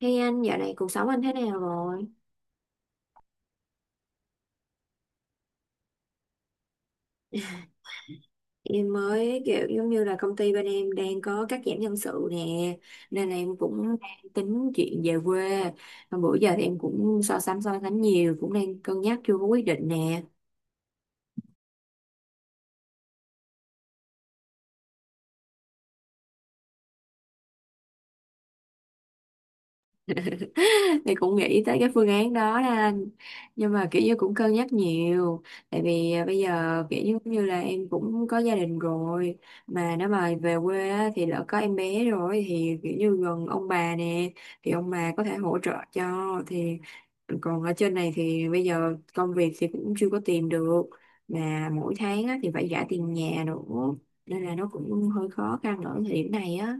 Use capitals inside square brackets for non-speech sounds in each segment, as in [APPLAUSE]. Hey anh, dạo này cuộc sống anh thế nào rồi? Em mới kiểu giống như là công ty bên em đang có cắt giảm nhân sự nè, nên là em cũng đang tính chuyện về quê. Mà bữa giờ thì em cũng so sánh nhiều, cũng đang cân nhắc chưa có quyết định nè. [LAUGHS] Thì cũng nghĩ tới cái phương án đó đó anh, nhưng mà kiểu như cũng cân nhắc nhiều. Tại vì bây giờ kiểu như cũng như là em cũng có gia đình rồi, mà nếu mà về quê á, thì lỡ có em bé rồi thì kiểu như gần ông bà nè, thì ông bà có thể hỗ trợ cho. Thì còn ở trên này thì bây giờ công việc thì cũng chưa có tìm được, mà mỗi tháng á, thì phải trả tiền nhà nữa, nên là nó cũng hơi khó khăn ở thời điểm này á.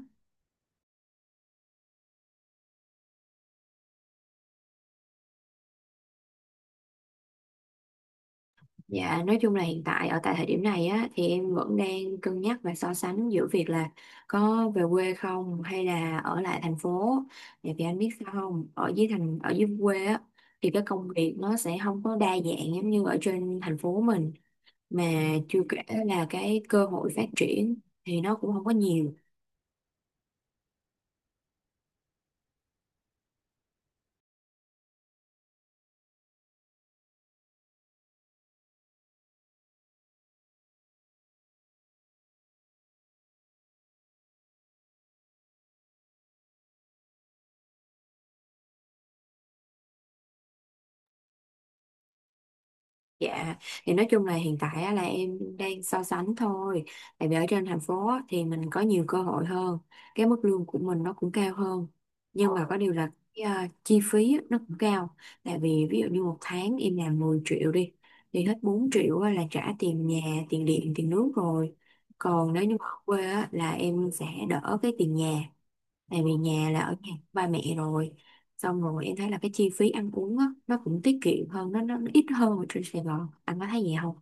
Dạ, nói chung là hiện tại tại thời điểm này á thì em vẫn đang cân nhắc và so sánh giữa việc là có về quê không hay là ở lại thành phố. Tại vì anh biết sao không, ở dưới quê á, thì cái công việc nó sẽ không có đa dạng giống như ở trên thành phố mình, mà chưa kể là cái cơ hội phát triển thì nó cũng không có nhiều. Dạ, thì nói chung là hiện tại á, là em đang so sánh thôi. Tại vì ở trên thành phố á, thì mình có nhiều cơ hội hơn, cái mức lương của mình nó cũng cao hơn. Nhưng mà có điều là cái, chi phí á, nó cũng cao. Tại vì ví dụ như một tháng em làm 10 triệu đi, thì hết 4 triệu á, là trả tiền nhà, tiền điện, tiền nước rồi. Còn nếu như ở quê á, là em sẽ đỡ cái tiền nhà, tại vì nhà là ở nhà ba mẹ rồi, xong rồi em thấy là cái chi phí ăn uống á, nó cũng tiết kiệm hơn, nó ít hơn ở trên Sài Gòn, anh có thấy vậy không?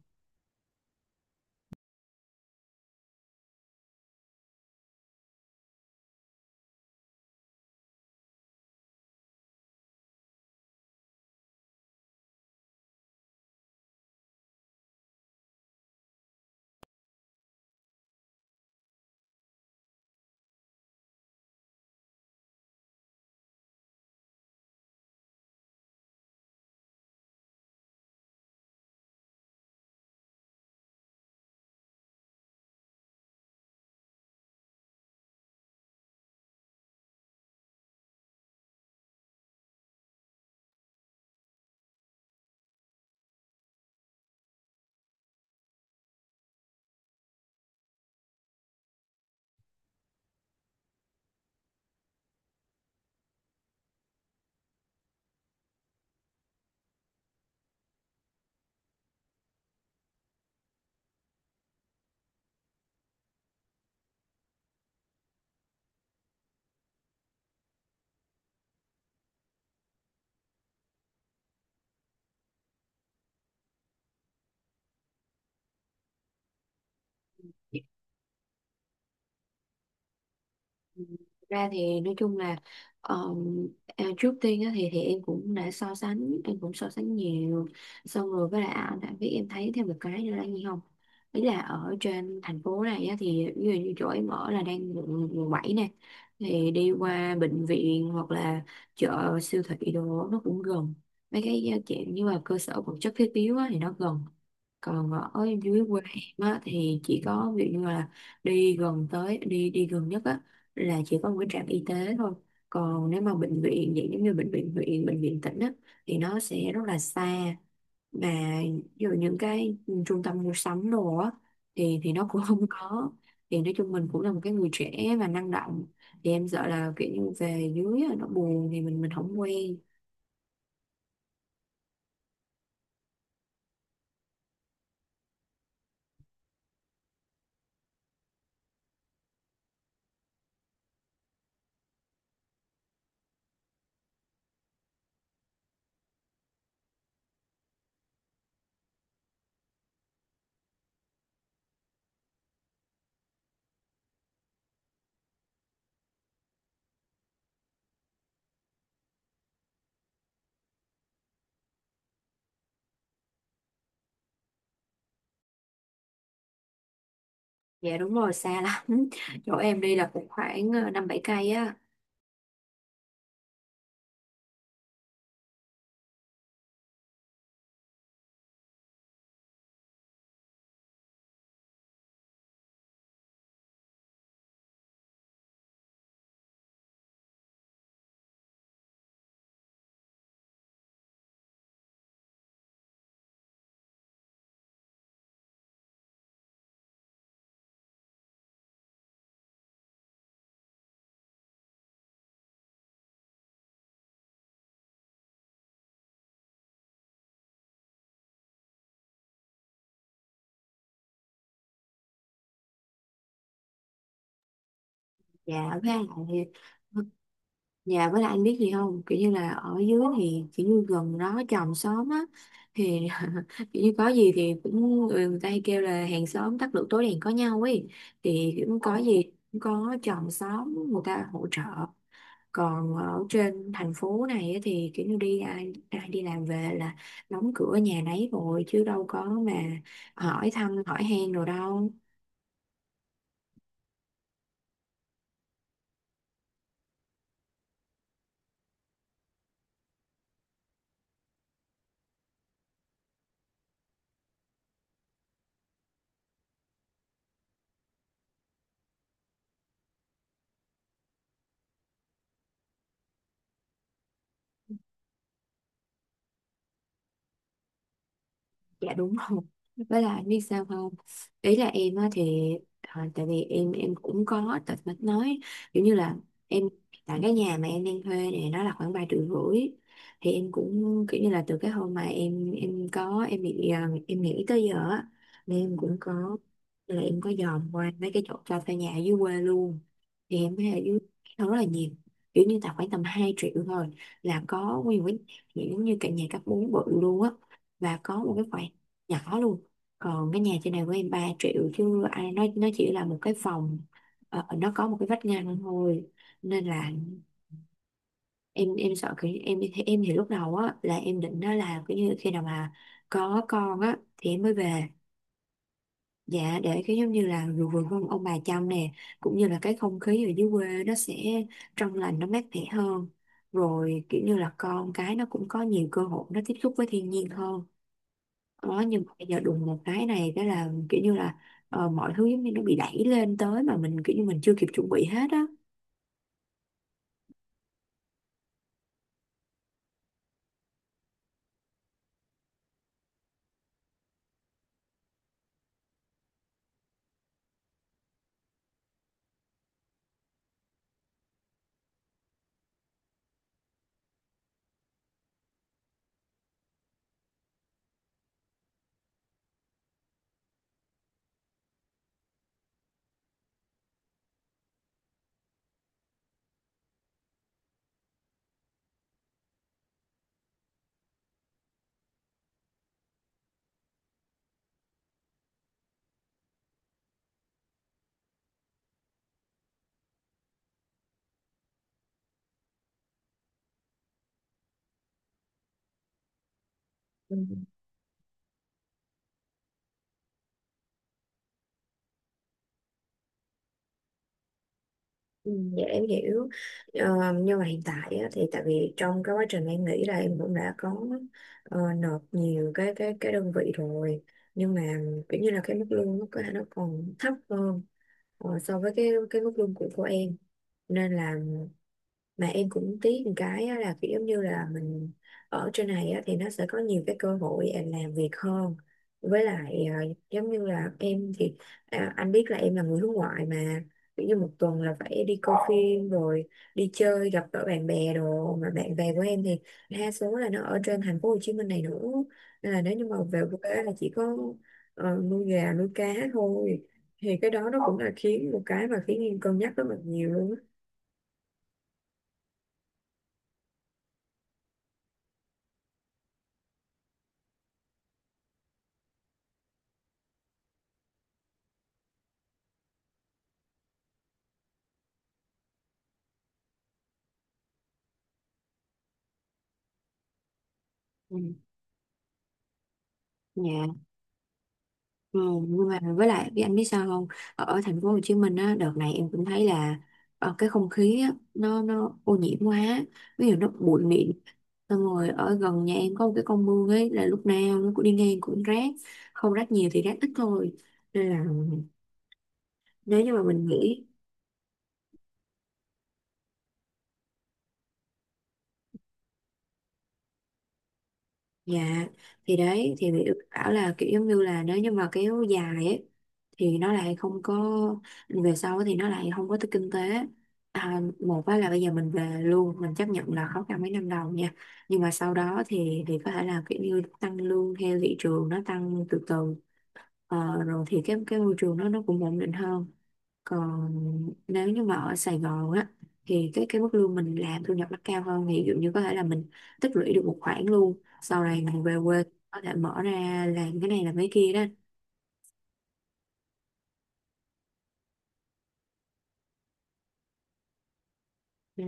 Ừ, thực ra thì nói chung là ờ, trước tiên á, thì em cũng đã so sánh, em cũng so sánh nhiều, xong rồi với lại ảnh đã biết. Em thấy thêm một cái nữa là gì không, ý là ở trên thành phố này á, thì ví dụ như chỗ em ở là đang quận quận bảy nè, thì đi qua bệnh viện hoặc là chợ siêu thị đồ nó cũng gần, mấy cái chuyện như là cơ sở vật chất thiết yếu á, thì nó gần. Còn ở dưới quê em á, thì chỉ có ví dụ như là đi đi gần nhất á là chỉ có một cái trạm y tế thôi. Còn nếu mà bệnh viện vậy giống như bệnh viện huyện, bệnh viện tỉnh á, thì nó sẽ rất là xa. Mà những cái trung tâm mua sắm đồ á, thì nó cũng [LAUGHS] không có. Thì nói chung mình cũng là một cái người trẻ và năng động, thì em sợ là kiểu như về dưới á, nó buồn thì mình không quen. Dạ đúng rồi, xa lắm. [LAUGHS] Chỗ em đi là cũng khoảng năm bảy cây á. Dạ với lại, dạ với lại anh biết gì không, kiểu như là ở dưới thì kiểu như gần đó chòm xóm á, thì [LAUGHS] kiểu như có gì thì cũng người ta hay kêu là hàng xóm tắt lửa tối đèn có nhau ấy, thì cũng có gì cũng có chòm xóm người ta hỗ trợ. Còn ở trên thành phố này á, thì kiểu như ai đi làm về là đóng cửa nhà nấy rồi, chứ đâu có mà hỏi thăm hỏi han rồi đâu. Dạ đúng rồi, với lại biết sao không, ý là em á thì tại vì em cũng có tật mạch nói, kiểu như là em, tại cái nhà mà em đang thuê này nó là khoảng 3,5 triệu, thì em cũng kiểu như là từ cái hôm mà em có em nghỉ tới giờ á, nên em cũng có là em có dòm qua mấy cái chỗ cho thuê nhà ở dưới quê luôn. Thì em thấy ở dưới nó rất là nhiều, kiểu như là khoảng tầm 2 triệu thôi là có nguyên cái giống như cả nhà cấp 4 bự luôn á, và có một cái nhỏ luôn. Còn cái nhà trên này của em 3 triệu chứ ai, nói nó chỉ là một cái phòng, nó có một cái vách ngăn thôi. Nên là em sợ kiểu như- em thì lúc đầu á là em định đó là kiểu như khi nào mà có con á thì em mới về, dạ, để cái giống như là vừa vừa ông bà chăm nè, cũng như là cái không khí ở dưới quê nó sẽ trong lành, nó mát mẻ hơn, rồi kiểu như là con cái nó cũng có nhiều cơ hội nó tiếp xúc với thiên nhiên hơn. Ờ, nhưng mà bây giờ đùng một cái này cái là kiểu như là mọi thứ giống như nó bị đẩy lên tới mà mình kiểu như mình chưa kịp chuẩn bị hết á. Ừ. Ừ, dạ em hiểu. Nhưng mà hiện tại á, thì tại vì trong cái quá trình em nghĩ là em cũng đã có nộp nhiều cái đơn vị rồi, nhưng mà kiểu như là cái mức lương nó có thể nó còn thấp hơn so với cái mức lương của em, nên là mà em cũng tiếc một cái á, là kiểu giống như là mình ở trên này á, thì nó sẽ có nhiều cái cơ hội em làm việc hơn, với lại giống như là em thì anh biết là em là người nước ngoài mà, kiểu như một tuần là phải đi coi phim rồi đi chơi gặp gỡ bạn bè đồ, mà bạn bè của em thì đa số là nó ở trên thành phố Hồ Chí Minh này nữa, nên là nếu như mà về quê là chỉ có nuôi gà nuôi cá thôi. Thì cái đó nó cũng là khiến một cái mà khiến em cân nhắc rất là nhiều luôn á. Ừ. Dạ. Ừ, nhưng mà với lại anh biết sao không, ở thành phố Hồ Chí Minh á đợt này em cũng thấy là cái không khí á, nó ô nhiễm quá, ví dụ nó bụi mịn, xong rồi ở gần nhà em có một cái con mương ấy là lúc nào nó cũng đi ngang cũng rác, không rác nhiều thì rác ít thôi, nên là nếu như mà mình nghĩ. Dạ, thì đấy thì bị bảo là kiểu giống như là nếu như mà kéo dài ấy, thì nó lại không có, về sau thì nó lại không có tới kinh tế. Một á là bây giờ mình về luôn, mình chấp nhận là khó khăn mấy năm đầu nha, nhưng mà sau đó thì có thể là kiểu như tăng lương theo thị trường nó tăng từ từ. Rồi thì cái môi trường nó cũng ổn định hơn. Còn nếu như mà ở Sài Gòn á, thì cái mức lương mình làm thu nhập nó cao hơn, thì ví dụ như có thể là mình tích lũy được một khoản, luôn sau này mình về quê có thể mở ra làm cái này làm cái kia đó. Ừ.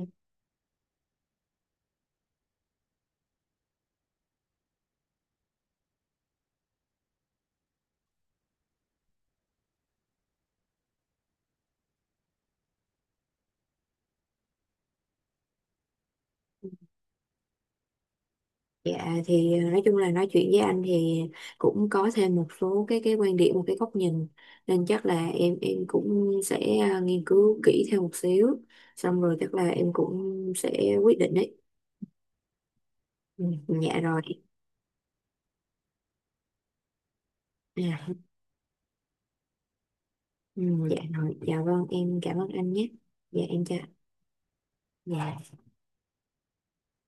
Dạ, thì nói chung là nói chuyện với anh thì cũng có thêm một số cái quan điểm, một cái góc nhìn, nên chắc là em cũng sẽ nghiên cứu kỹ thêm một xíu, xong rồi chắc là em cũng sẽ quyết định đấy. Ừ, dạ rồi. À. Ừ, dạ rồi, dạ vâng em cảm ơn anh nhé. Dạ em chào. Dạ.